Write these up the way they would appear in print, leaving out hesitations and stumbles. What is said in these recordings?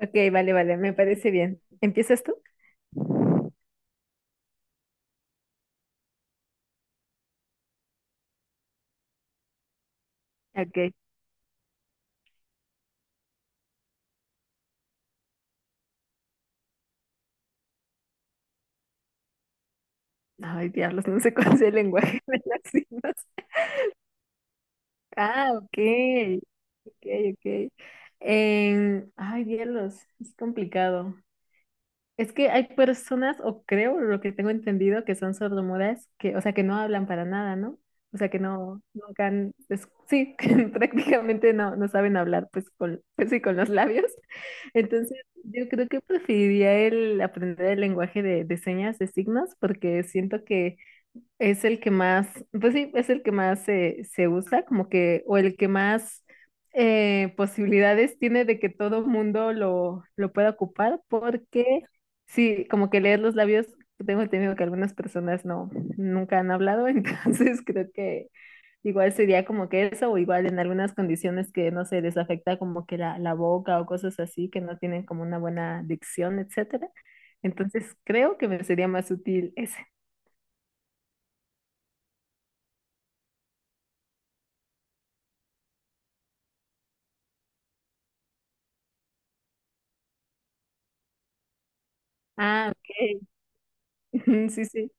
Ok, vale, vale, me parece bien. ¿Empiezas tú? Ok. Ay, diablos, no sé cuál es el lenguaje de las signos. Ah, ok, ok, ok. Ay, diablos, es complicado. Es que hay personas, o creo, lo que tengo entendido, que son sordomudas, que, o sea, que no hablan para nada, ¿no? O sea, que no, nunca han, sí, que prácticamente no, no saben hablar, pues, con, pues sí, con los labios. Entonces, yo creo que preferiría el aprender el lenguaje de señas, de signos, porque siento que es el que más, pues sí, es el que más se usa, como que, o el que más posibilidades tiene de que todo mundo lo pueda ocupar, porque sí, como que leer los labios, tengo entendido que algunas personas no, nunca han hablado, entonces creo que igual sería como que eso, o igual en algunas condiciones que no se les afecta como que la boca o cosas así, que no tienen como una buena dicción, etcétera. Entonces creo que me sería más útil ese. Ah, ok. Mm, sí, sí,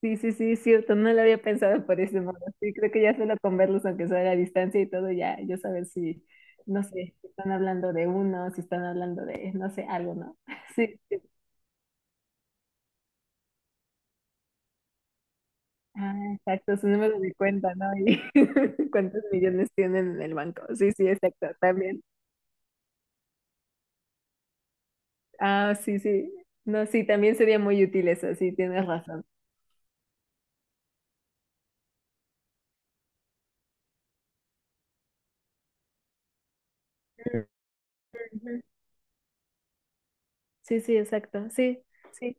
sí, sí, sí, cierto, no lo había pensado por ese modo. Sí, creo que ya solo con verlos, aunque sea a la distancia y todo, ya yo saber si, no sé, si están hablando de uno, si están hablando de, no sé, algo, ¿no? Sí, sí. Ah, exacto, su número de cuenta, ¿no? Y cuántos millones tienen en el banco. Sí, sí, exacto, también. Ah, sí, sí. No, sí, también sería muy útil eso, sí, tienes razón. Ujú. Sí, sí, exacto. Sí, sí,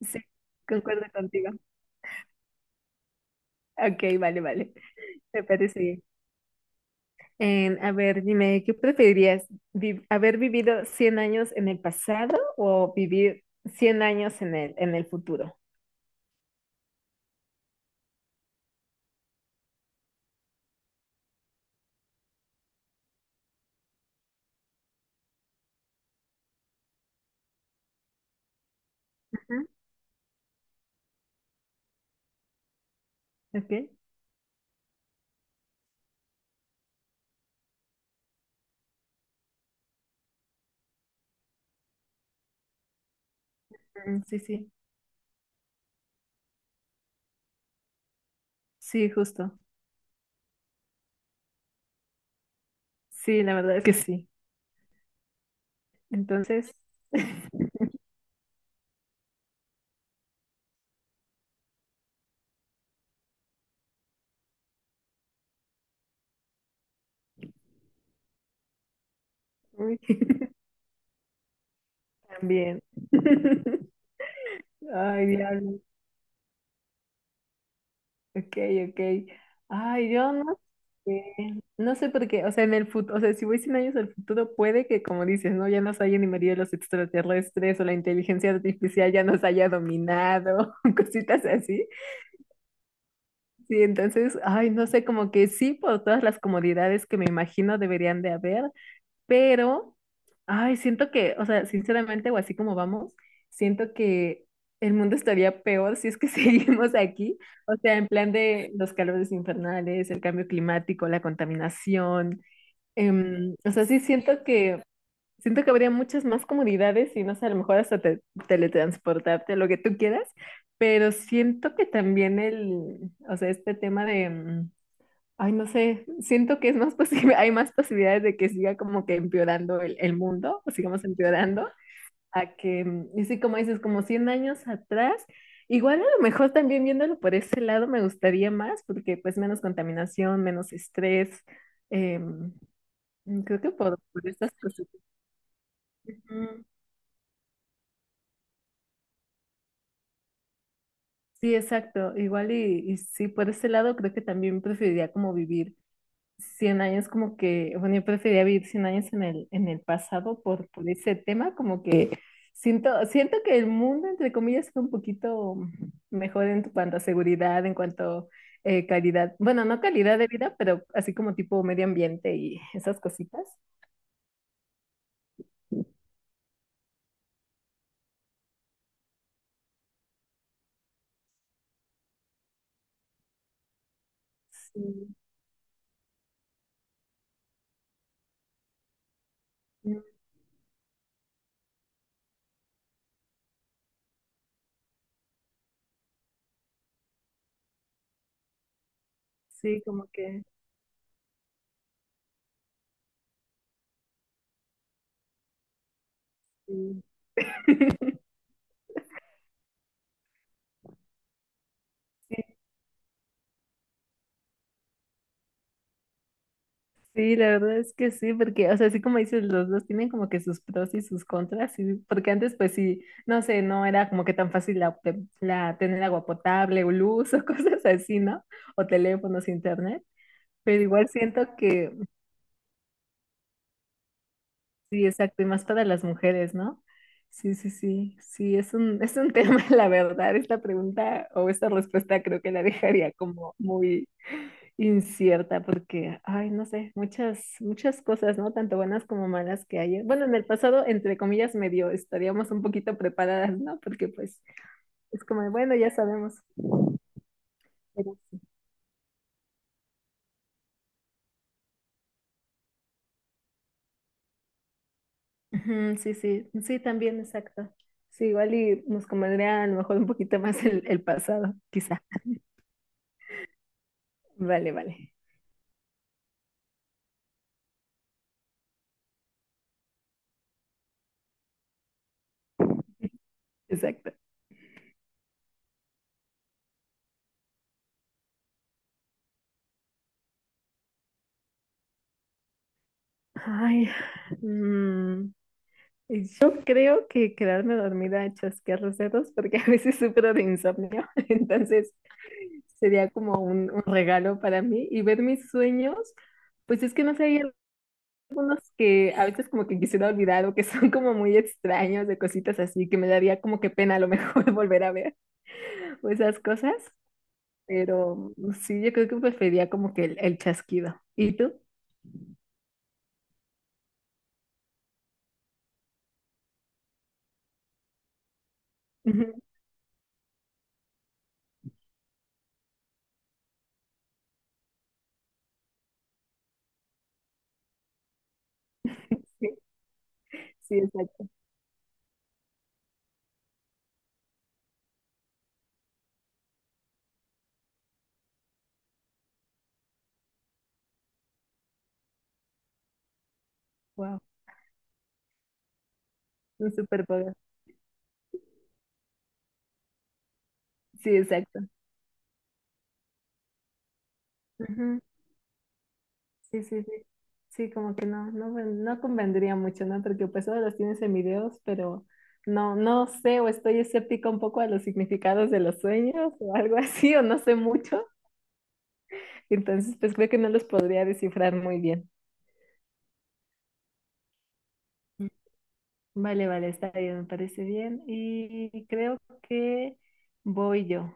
sí, concuerdo contigo. Ok, vale, vale. Me parece bien. A ver, dime, ¿qué preferirías? ¿Haber vivido 100 años en el pasado o vivir 100 años en el futuro? Ujú, ok, mm, sí, sí, sí, justo. Sí, la verdad es que sí. Entonces, uy, también. Ay, Dios. Ok, ok. Ay, yo no sé. No sé por qué. O sea, en el futuro, o sea, si voy 100 años al futuro, puede que, como dices, ¿no? Ya nos hayan invadido los extraterrestres o la inteligencia artificial ya nos haya dominado, cositas así. Sí, entonces, ay, no sé, como que sí, por todas las comodidades que me imagino deberían de haber, pero, ay, siento que, o sea, sinceramente, o así como vamos, siento que el mundo estaría peor si es que seguimos aquí. O sea, en plan de los calores infernales, el cambio climático, la contaminación. O sea, sí siento que habría muchas más comodidades y no sé, a lo mejor hasta teletransportarte, lo que tú quieras. Pero siento que también el, o sea, este tema de, ay, no sé, siento que es más posible, hay más posibilidades de que siga como que empeorando el mundo, o sigamos empeorando, a que, y sí, como dices, como 100 años atrás, igual a lo mejor también viéndolo por ese lado me gustaría más, porque pues menos contaminación, menos estrés, em, creo que por estas cosas. Ujú. Sí, exacto, igual y sí, por ese lado creo que también preferiría como vivir 100 años como que, bueno, yo preferiría vivir 100 años en el pasado por ese tema, como que siento que el mundo, entre comillas, fue un poquito mejor en cuanto a seguridad, en cuanto a calidad, bueno, no calidad de vida, pero así como tipo medio ambiente y esas cositas. Sí, no, sí, como que sí. Sí, la verdad es que sí, porque, o sea, así como dices, los dos tienen como que sus pros y sus contras, porque antes pues sí, no sé, no era como que tan fácil tener agua potable o luz o cosas así, ¿no? O teléfonos, internet, pero igual siento que sí, exacto, y más para las mujeres, ¿no? Sí, sí, sí, sí, es un, tema, la verdad, esta pregunta o esta respuesta creo que la dejaría como muy incierta porque, ay, no sé, muchas, muchas cosas, ¿no? Tanto buenas como malas que hay. Bueno, en el pasado, entre comillas, medio estaríamos un poquito preparadas, ¿no? Porque pues es como, de, bueno, ya sabemos. Pero sí. Ujú, sí, sí, sí, también, exacto. Sí, igual y nos convendría a lo mejor un poquito más el pasado, quizá. Vale, vale, exacto. Ay, mm, yo creo que quedarme dormida a chasquear los dedos porque a veces sufro de insomnio, entonces, sería como un regalo para mí. Y ver mis sueños, pues es que no sé, hay algunos que a veces como que quisiera olvidar o que son como muy extraños de cositas así, que me daría como que pena a lo mejor volver a ver o esas cosas. Pero sí, yo creo que preferiría como que el chasquido. ¿Y tú? Sí, sí, exacto. Wow, un superpoder. Sí, exacto. Sí, sí, sí. Sí, como que no, no, no convendría mucho, ¿no? Porque pues ahora los tienes en videos, pero no, no sé, o estoy escéptica un poco a los significados de los sueños o algo así, o no sé mucho. Entonces, pues creo que no los podría descifrar muy bien. Mm. Vale, vale, está bien, me parece bien. Y creo que voy yo.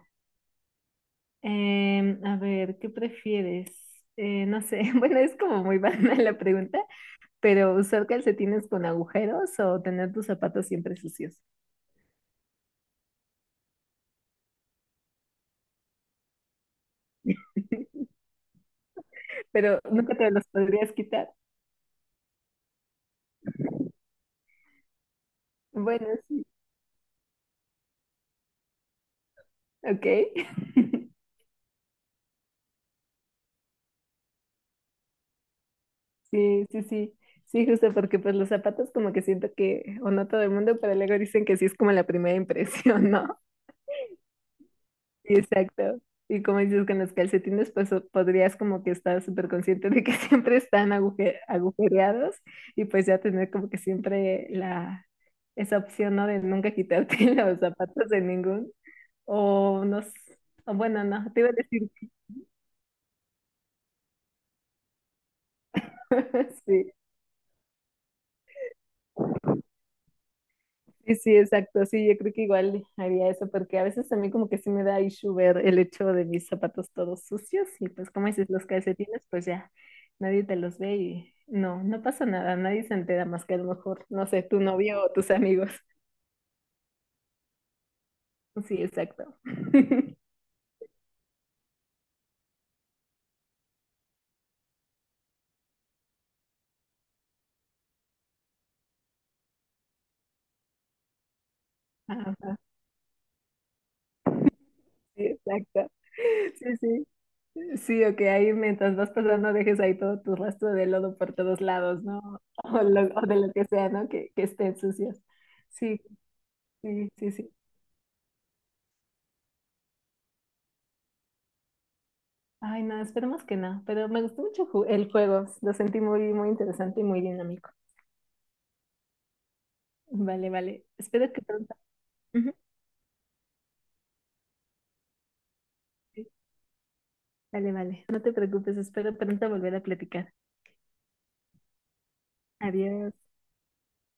A ver, ¿qué prefieres? No sé, bueno, es como muy banal la pregunta. Pero usar calcetines con agujeros o tener tus zapatos siempre sucios. Pero nunca te los podrías quitar. Bueno, sí, ok. Sí, sí, sí. Sí, justo porque pues los zapatos como que siento que, o no todo el mundo, pero luego dicen que sí es como la primera impresión, ¿no? Sí, exacto. Y como dices, con los calcetines, pues podrías como que estar súper consciente de que siempre están agujereados y pues ya tener como que siempre esa opción, ¿no? De nunca quitarte los zapatos de ningún. O no, o bueno, no, te iba a decir, sí. Sí, sí, exacto. Sí, yo creo que igual haría eso, porque a veces a mí como que sí me da issue ver el hecho de mis zapatos todos sucios y pues como dices, los calcetines, pues ya nadie te los ve y no, no pasa nada, nadie se entera más que a lo mejor, no sé, tu novio o tus amigos. Sí, exacto. Ajá, sí, exacto. Sí, sí. Sí, o que ahí mientras vas pasando dejes ahí todo tu rastro de lodo por todos lados, ¿no? O de lo que sea, ¿no? Que estén sucios. Sí, sí, sí, sí. Ay, no, esperemos que no, pero me gustó mucho el juego, lo sentí muy, muy interesante y muy dinámico. Vale, vale, espero que pronto. Ujú, sí, vale, vale, no te preocupes, espero pronto volver a platicar. Adiós.